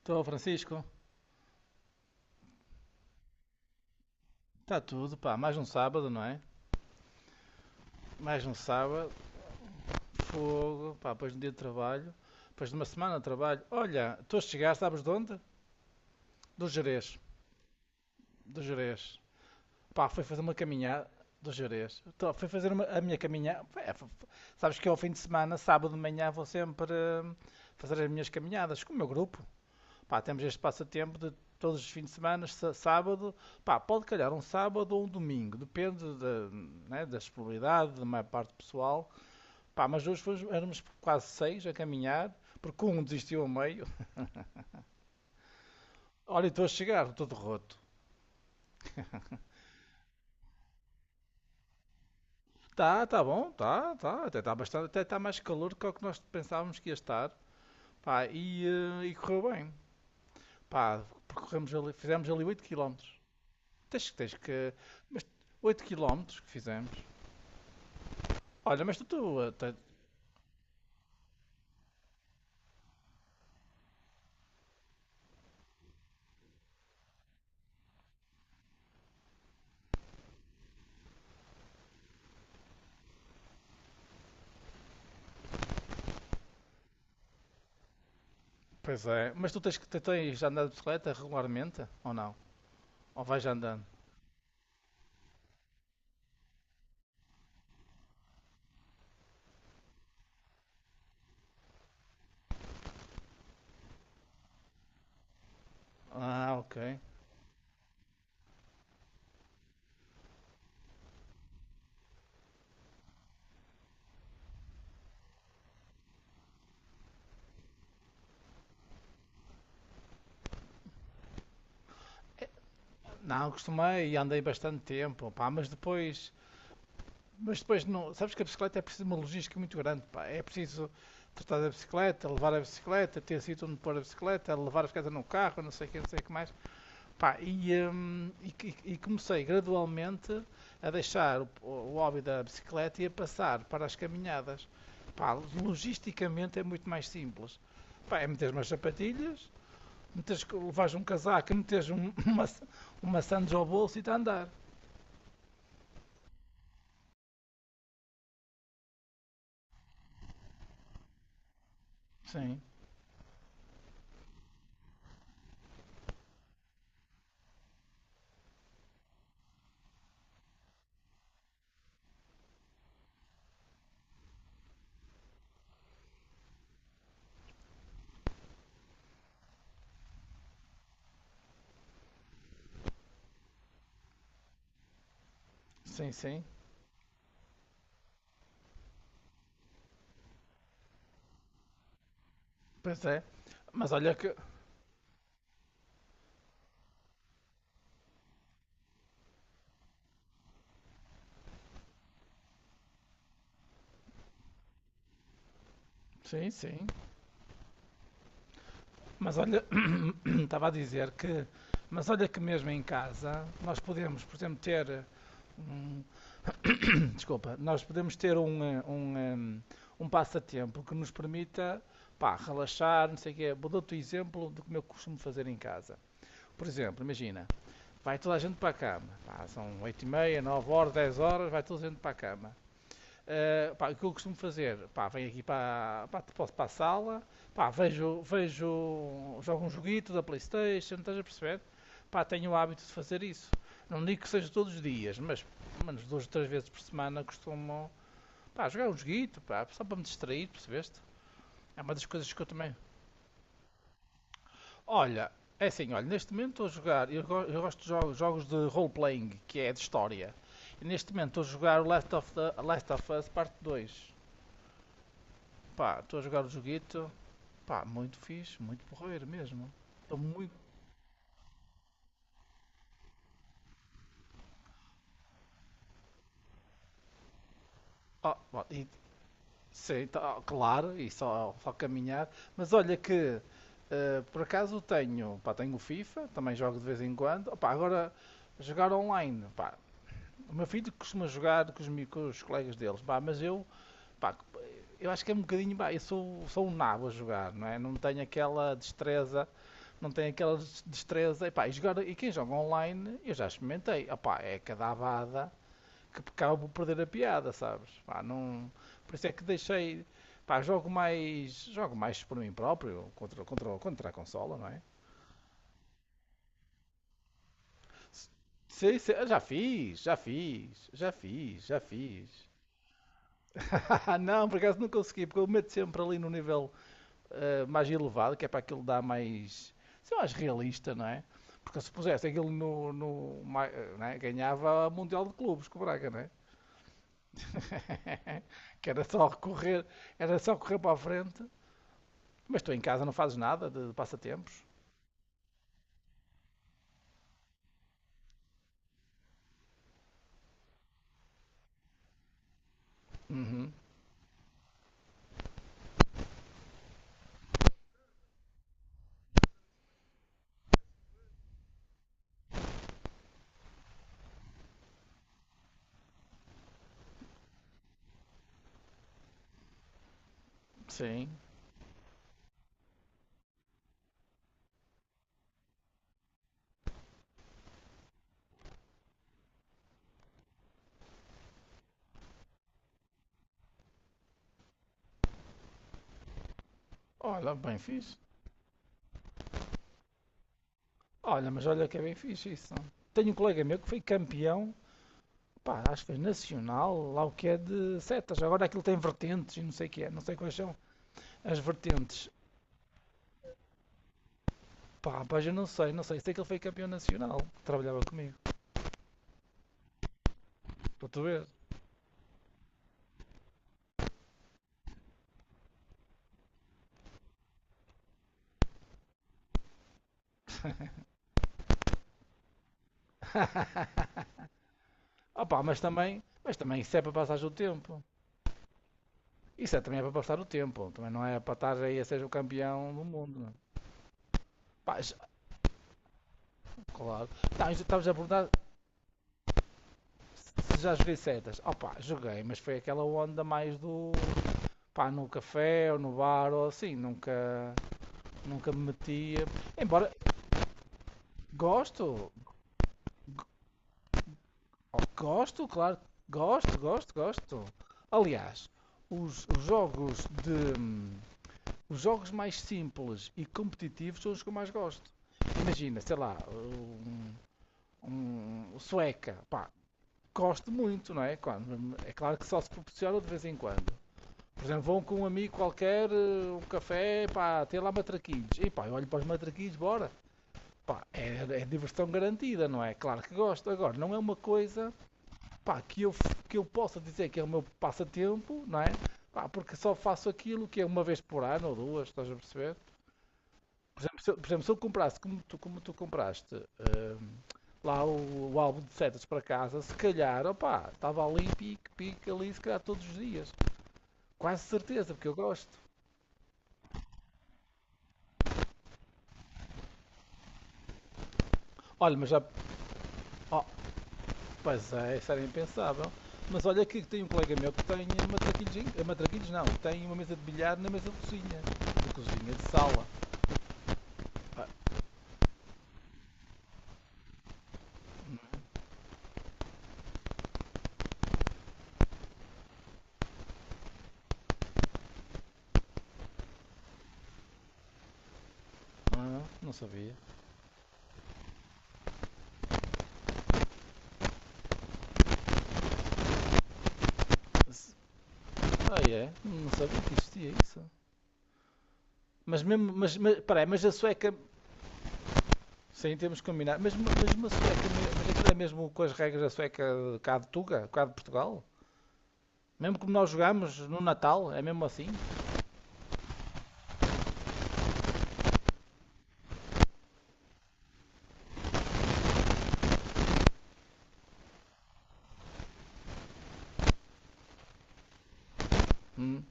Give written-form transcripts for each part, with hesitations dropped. Estou, Francisco. Está tudo, pá. Mais um sábado, não é? Mais um sábado. Fogo, pá. Depois de um dia de trabalho. Depois de uma semana de trabalho. Olha, estou a chegar, sabes de onde? Do Jerez. Do Jerez. Pá, fui fazer uma caminhada do Jerez. Tô, fui fazer a minha caminhada. Sabes que ao fim de semana, sábado de manhã, vou sempre hum, fazer as minhas caminhadas com o meu grupo. Pá, temos este passatempo de todos os fins de semana, sábado, pá, pode calhar um sábado ou um domingo, depende da, né, da disponibilidade da maior parte do pessoal. Pá, mas hoje éramos quase seis a caminhar, porque um desistiu ao meio. Olha, estou a chegar, todo roto. Tá, tá bom, tá, tá, até está bastante, até está mais calor do que o que nós pensávamos que ia estar. Pá, e correu bem. Pá, percorremos ali, fizemos ali 8 km. Tens que. Mas 8 km que fizemos. Olha, mas tu, Pois é, mas tu tens andado de bicicleta regularmente ou não? Ou vais andando? Ah, ok. Não, costumei e andei bastante tempo, pá, mas depois não, sabes que a bicicleta é preciso uma logística muito grande, pá. É preciso tratar da bicicleta, levar a bicicleta, ter sítio onde pôr a bicicleta, levar a bicicleta no carro, não sei o que, não sei o que mais. Pá, e comecei gradualmente a deixar o hobby da bicicleta e a passar para as caminhadas. Pá, logisticamente é muito mais simples. Pá, é meter umas sapatilhas, meteres, levares um casaco, meteres uma sandes ao bolso e está a andar. Sim, sim, sim. Pois é. Mas olha que. Sim, sim. Mas olha. Estava a dizer que. Mas olha que mesmo em casa nós podemos, por exemplo, um, desculpa, nós podemos ter um passatempo que nos permita, pá, relaxar, não sei o quê. Vou dar-te o exemplo do que eu costumo fazer em casa. Por exemplo, imagina, vai toda a gente para a cama. Pá, são 8h30, 9h, 10h, vai toda a gente para a cama. Pá, o que eu costumo fazer? Pá, venho aqui para, pá, posso para a sala, pá, jogo um joguito da Playstation, estás a perceber? Pá, tenho o hábito de fazer isso. Não digo que seja todos os dias, mas menos duas ou três vezes por semana costumo, pá, jogar um joguito, pá, só para me distrair, percebeste? É uma das coisas que eu também. Olha, é assim, olha, neste momento estou a jogar, eu gosto de jogos, jogos de role-playing, que é de história. E neste momento estou a jogar o Last of Us Parte dois. Pá, estou a jogar o joguito. Pá, muito fixe, muito porreiro mesmo. Estou muito. Ah, bom, e, sim, tá, claro, e só caminhar. Mas olha que, por acaso tenho, pá, tenho o FIFA, também jogo de vez em quando. Opá, agora, jogar online, pá, o meu filho costuma jogar com os colegas deles, pá, mas eu, pá, eu acho que é um bocadinho, pá, eu sou um nabo a jogar, não é? Não tenho aquela destreza, não tenho aquela destreza, e pá, e, jogar, e quem joga online, eu já experimentei, opá, é cada abada. Que acabo por perder a piada, sabes? Pá, não. Por isso é que deixei. Pá, jogo mais. Jogo mais por mim próprio, contra a consola, não é? Sei, sei, já fiz, já fiz, já fiz, já fiz. Não, por acaso não consegui, porque eu meto sempre ali no nível, mais elevado, que é para aquilo dar mais. Sei lá, mais realista, não é? Porque se pusesse aquilo não é? Ganhava o Mundial de Clubes com o Braga, não é? Que era só correr para a frente. Mas tu em casa não fazes nada de passatempos? Uhum, sim. Olha, bem fixe. Olha, mas olha que é bem fixe isso. Tenho um colega meu que foi campeão, pá, acho que foi nacional, lá o que é de setas. Agora aquilo tem vertentes e não sei o que é, não sei quais são as vertentes. Pá, pois eu não sei, não sei. Sei que ele foi campeão nacional, que trabalhava comigo, para tu ver. Ah, pá, mas também, isso é para passar o tempo. Isso também é para passar o tempo, também não é para estar aí a ser o campeão do mundo. Não é? Pá, claro. Tá, então, estavas a perguntar. Se já joguei setas, opá, joguei, mas foi aquela onda mais do, pá, no café ou no bar ou assim, nunca, nunca me metia. Embora gosto, gosto, claro, gosto, gosto, gosto. Aliás, os, os jogos de os jogos mais simples e competitivos são os que eu mais gosto. Imagina, sei lá, um, um sueca, pá, gosto muito, não é? Claro, é claro que só se proporciona de vez em quando. Por exemplo, vão com um amigo qualquer, um café, pá, tem lá matraquilhos. E pá, eu olho para os matraquilhos, bora. Pá, é diversão garantida, não é? Claro que gosto. Agora, não é uma coisa, pá, que eu possa dizer que é o meu passatempo, não é? Pá, porque só faço aquilo que é uma vez por ano ou duas, estás a perceber? Por exemplo, se eu comprasse, como tu compraste, lá o álbum de setas para casa, se calhar, opá, estava ali, pique, pique, ali, se calhar todos os dias. Quase certeza, porque eu gosto. Olha, mas já, oh, pois é, isso era impensável. Mas olha que tem um colega meu que tem matraquilhos, matraquilhos não, tem uma mesa de bilhar na mesa de cozinha. De cozinha, de sala. Ah, ah, não sabia. S- Ah, é? Não sabia que existia isso. Peraí, mas a sueca, sim, temos que combinar, mas uma sueca, mas aquilo é mesmo com as regras da sueca cá de Tuga, cá de Portugal? Mesmo como nós jogámos no Natal, é mesmo assim? Hum.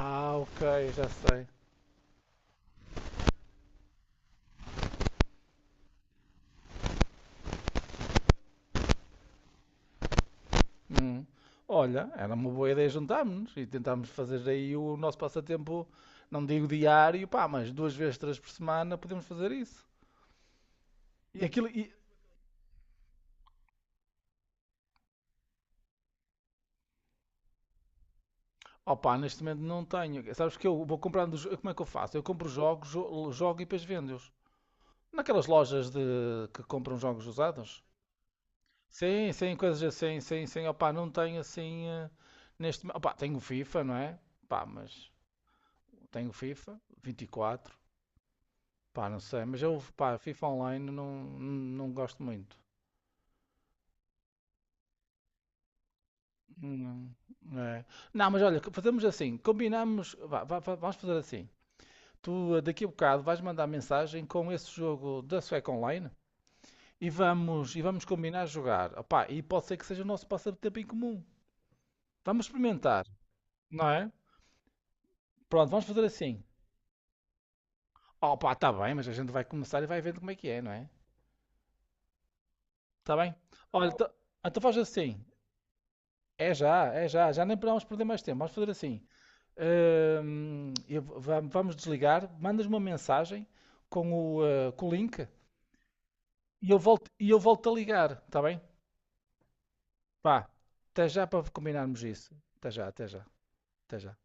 Ah, ok, já sei. Hum. Olha, era uma boa ideia juntarmos e tentarmos fazer aí o nosso passatempo, não digo diário, pá, mas duas vezes, três por semana podemos fazer isso. E aquilo, e, opá, neste momento não tenho. Sabes que eu vou comprando, como é que eu faço? Eu compro jogos, jogo e depois vendo-os. Naquelas lojas de que compram jogos usados. Sim, sim, coisas assim, sim, sim, opá, não tenho assim, opá, tenho o FIFA, não é? Pá, mas tenho o FIFA 24. Pá, não sei, mas eu, pá, FIFA Online não, não gosto muito. Não, é. Não, mas olha, fazemos assim, combinamos, vá, vá, vá, vamos fazer assim. Tu, daqui a bocado vais mandar mensagem com esse jogo da Sueca Online e vamos, combinar jogar. Opá, e pode ser que seja o nosso passatempo em comum. Vamos experimentar, não é? Pronto, vamos fazer assim. Oh, pá, tá bem, mas a gente vai começar e vai vendo como é que é, não é? Tá bem? Olha, então faz assim. É já, já nem podemos perder mais tempo. Vamos fazer assim. Eu vamos desligar. Mandas uma mensagem com o link e eu volto, a ligar, está bem? Vá, até já para combinarmos isso. Até já, até já, até já.